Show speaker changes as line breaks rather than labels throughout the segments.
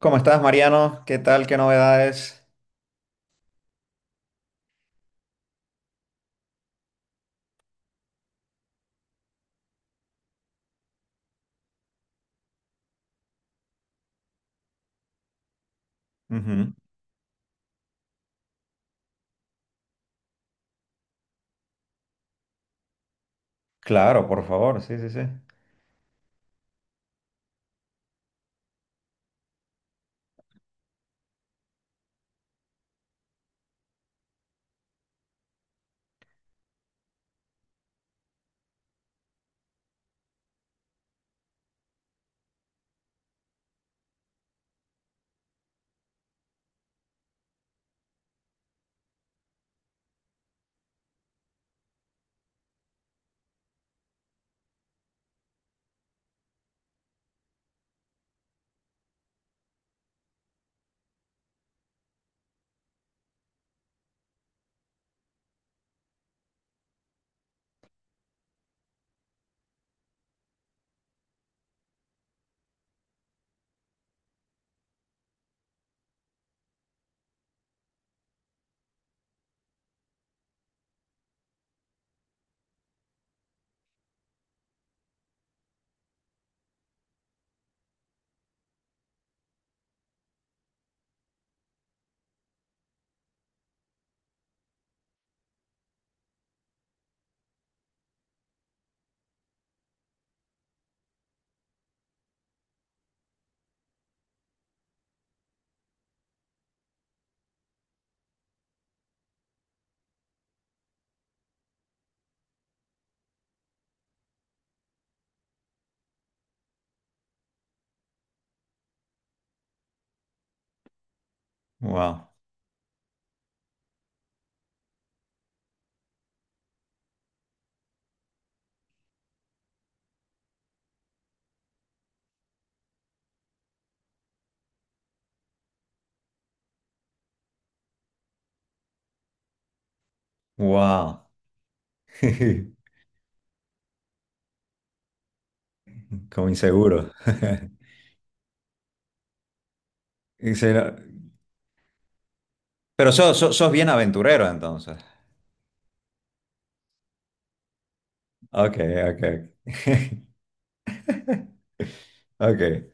¿Cómo estás, Mariano? ¿Qué tal? ¿Qué novedades? Ujú. Claro, por favor, sí, sí, sí. Wow, wow. Como inseguro. Y sí, no- Pero sos bien aventurero entonces. Ok, ok. Ok.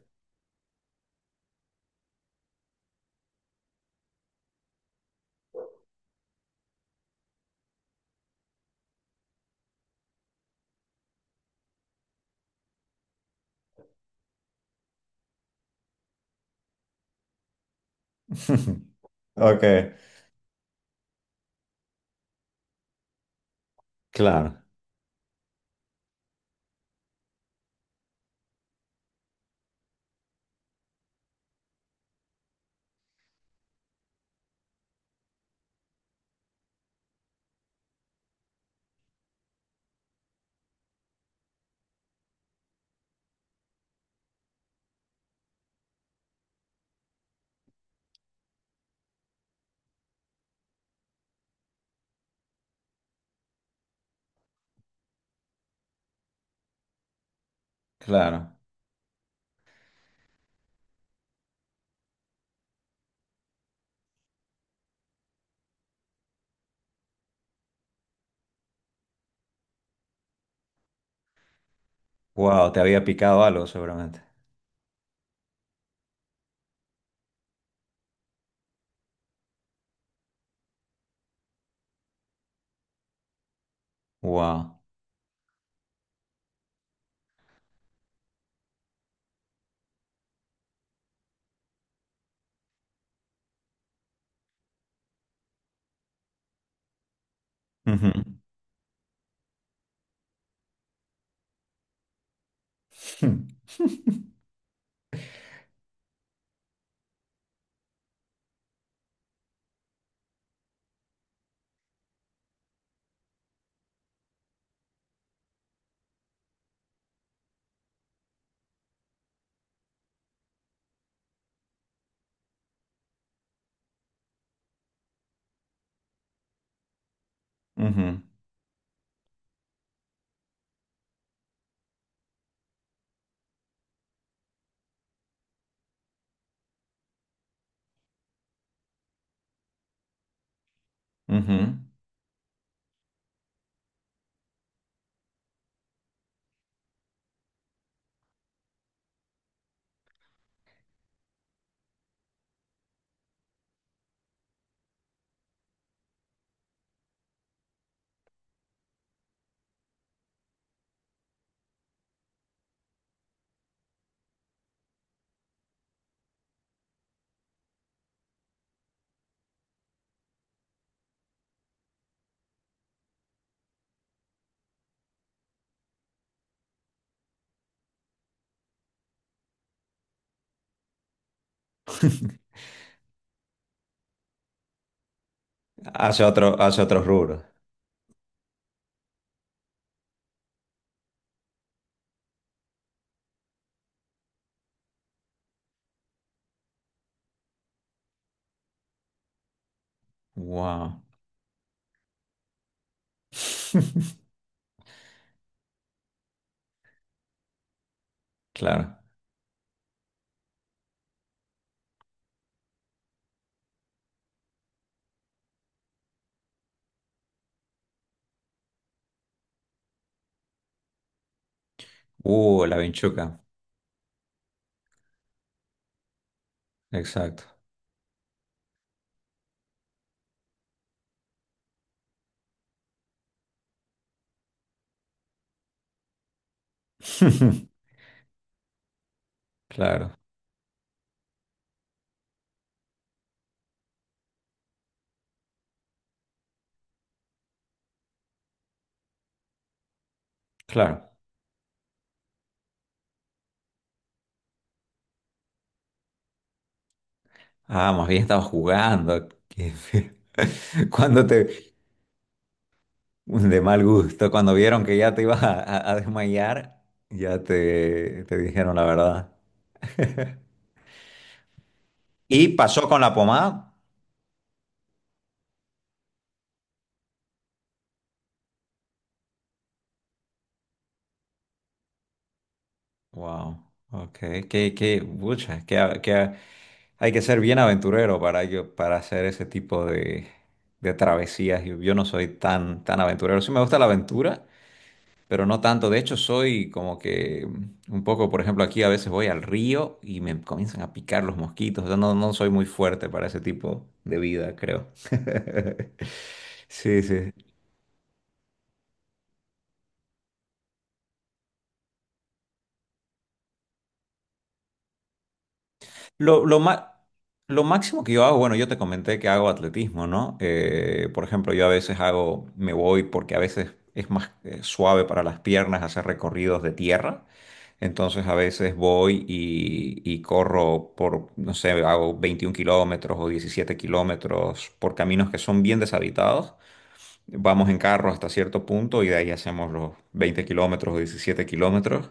Ok. Claro, claro. Wow, te había picado algo seguramente. Wow. Ujú. Ujú, ujú. Hace otros rubros. Wow. Claro. La vinchuca, exacto. Claro, claro. Ah, más bien estaba jugando. Qué feo. Cuando te, de mal gusto, cuando vieron que ya te ibas a desmayar, ya te dijeron la verdad. ¿Y pasó con la pomada? Wow, ok. Qué, pucha, que hay que ser bien aventurero yo para hacer ese tipo de travesías. Yo no soy tan, tan aventurero. Sí me gusta la aventura, pero no tanto. De hecho, soy como que un poco, por ejemplo, aquí a veces voy al río y me comienzan a picar los mosquitos. Yo no soy muy fuerte para ese tipo de vida, creo. Sí, sí. Lo, lo, ma- lo máximo que yo hago, bueno, yo te comenté que hago atletismo, ¿no? Por ejemplo, yo a veces hago, me voy porque a veces es más suave para las piernas hacer recorridos de tierra. Entonces a veces voy y corro por, no sé, hago 21 kilómetros o 17 kilómetros por caminos que son bien deshabitados. Vamos en carro hasta cierto punto y de ahí hacemos los 20 kilómetros o 17 kilómetros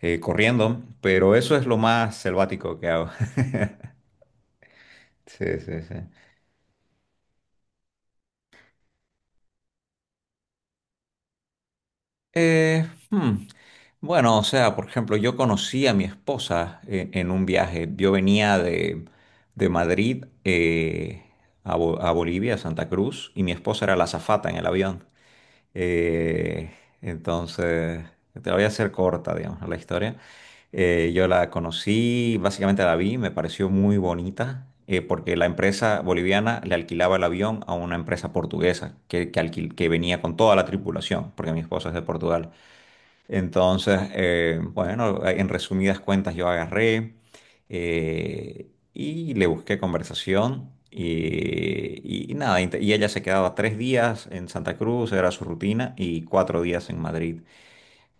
corriendo. Pero eso es lo más selvático que hago. Sí, sí, sí. Eh, hmm, Bueno, o sea, por ejemplo, yo conocí a mi esposa en un viaje. Yo venía de Madrid, a Bolivia, a Santa Cruz, y mi esposa era la azafata en el avión. Eh, entonces, te la voy a hacer corta, digamos, la historia. Yo la conocí, básicamente la vi, me pareció muy bonita, porque la empresa boliviana le alquilaba el avión a una empresa portuguesa que venía con toda la tripulación, porque mi esposa es de Portugal. Entonces, bueno, en resumidas cuentas yo agarré, y le busqué conversación y nada, y ella se quedaba 3 días en Santa Cruz, era su rutina, y 4 días en Madrid.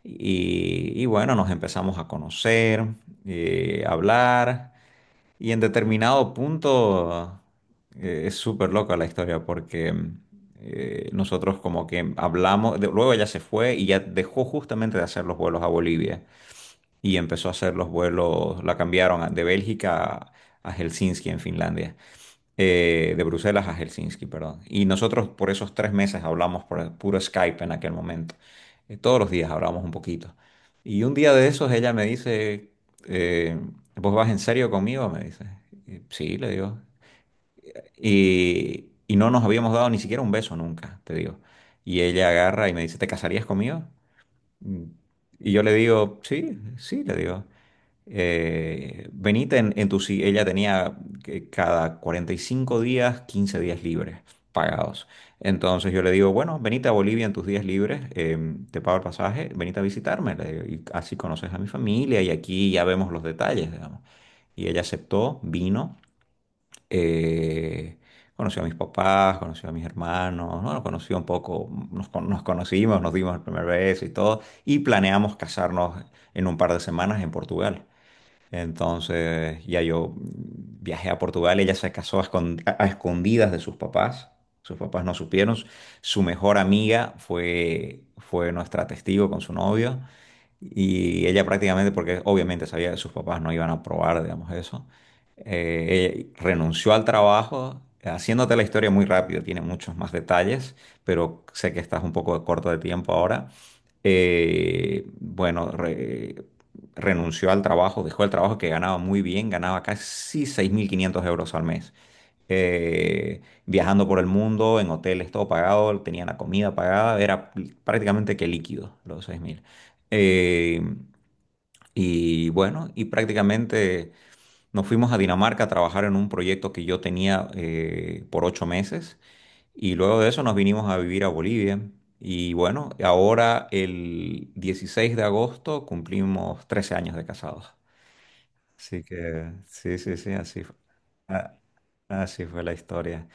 Y bueno, nos empezamos a conocer, a hablar. Y en determinado punto, es súper loca la historia porque, nosotros como que hablamos, luego ella se fue y ya dejó justamente de hacer los vuelos a Bolivia y empezó a hacer los vuelos, la cambiaron, de Bélgica a Helsinki en Finlandia, de Bruselas a Helsinki, perdón. Y nosotros por esos 3 meses hablamos por puro Skype en aquel momento. Todos los días hablamos un poquito. Y un día de esos ella me dice, eh, ¿vos vas en serio conmigo? Me dice. Y sí, le digo. Y no nos habíamos dado ni siquiera un beso nunca, te digo. Y ella agarra y me dice, ¿te casarías conmigo? Mm. Y yo le digo, sí, sí, le digo. Venite en tu si- Ella tenía que cada 45 días, 15 días libres pagados. Entonces yo le digo, bueno, venite a Bolivia en tus días libres, te pago el pasaje, venite a visitarme, le digo, y así conoces a mi familia y aquí ya vemos los detalles, digamos. Y ella aceptó, vino. Eh, Conoció a mis papás, conoció a mis hermanos, ¿no? Nos conoció un poco, nos conocimos, nos dimos el primer beso y todo, y planeamos casarnos en un par de semanas en Portugal. Entonces ya yo viajé a Portugal, ella se casó a escondidas de sus papás no supieron, su mejor amiga fue nuestra testigo con su novio y ella prácticamente, porque obviamente sabía que sus papás no iban a aprobar, digamos eso, ella renunció al trabajo, haciéndote la historia muy rápido, tiene muchos más detalles, pero sé que estás un poco corto de tiempo ahora. Bueno, renunció al trabajo, dejó el trabajo que ganaba muy bien, ganaba casi 6.500 euros al mes. Viajando por el mundo, en hoteles todo pagado, tenía la comida pagada, era prácticamente que líquido los 6.000. Eh, y bueno, y prácticamente nos fuimos a Dinamarca a trabajar en un proyecto que yo tenía, por 8 meses, y luego de eso nos vinimos a vivir a Bolivia. Y bueno, ahora el 16 de agosto cumplimos 13 años de casados. Así que sí, sí, sí, así fue. a- Así fue la historia.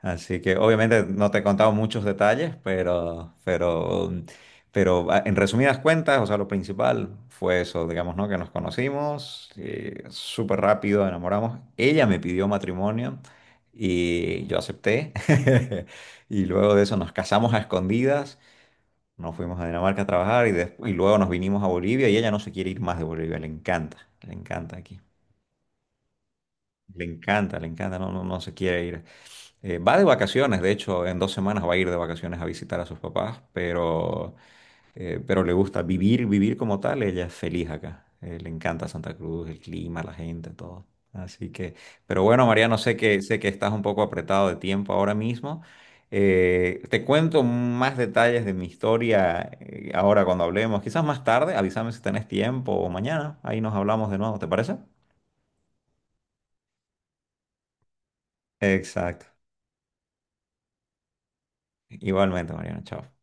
Así que obviamente no te he contado muchos detalles, pero en resumidas cuentas, o sea, lo principal fue eso, digamos, ¿no? Que nos conocimos, súper rápido enamoramos. Ella me pidió matrimonio y yo acepté. Y luego de eso nos casamos a escondidas, nos fuimos a Dinamarca a trabajar y luego nos vinimos a Bolivia y ella no se quiere ir más de Bolivia, le encanta aquí. Le encanta, no, no, no se quiere ir. Va de vacaciones, de hecho, en 2 semanas va a ir de vacaciones a visitar a sus papás, pero le gusta vivir, vivir como tal, ella es feliz acá. Le encanta Santa Cruz, el clima, la gente, todo. Así que, pero bueno, Mariano, sé que estás un poco apretado de tiempo ahora mismo. Te cuento más detalles de mi historia, ahora cuando hablemos, quizás más tarde, avísame si tenés tiempo o mañana, ahí nos hablamos de nuevo, ¿te parece? Exacto. Igualmente, Mariano, chao.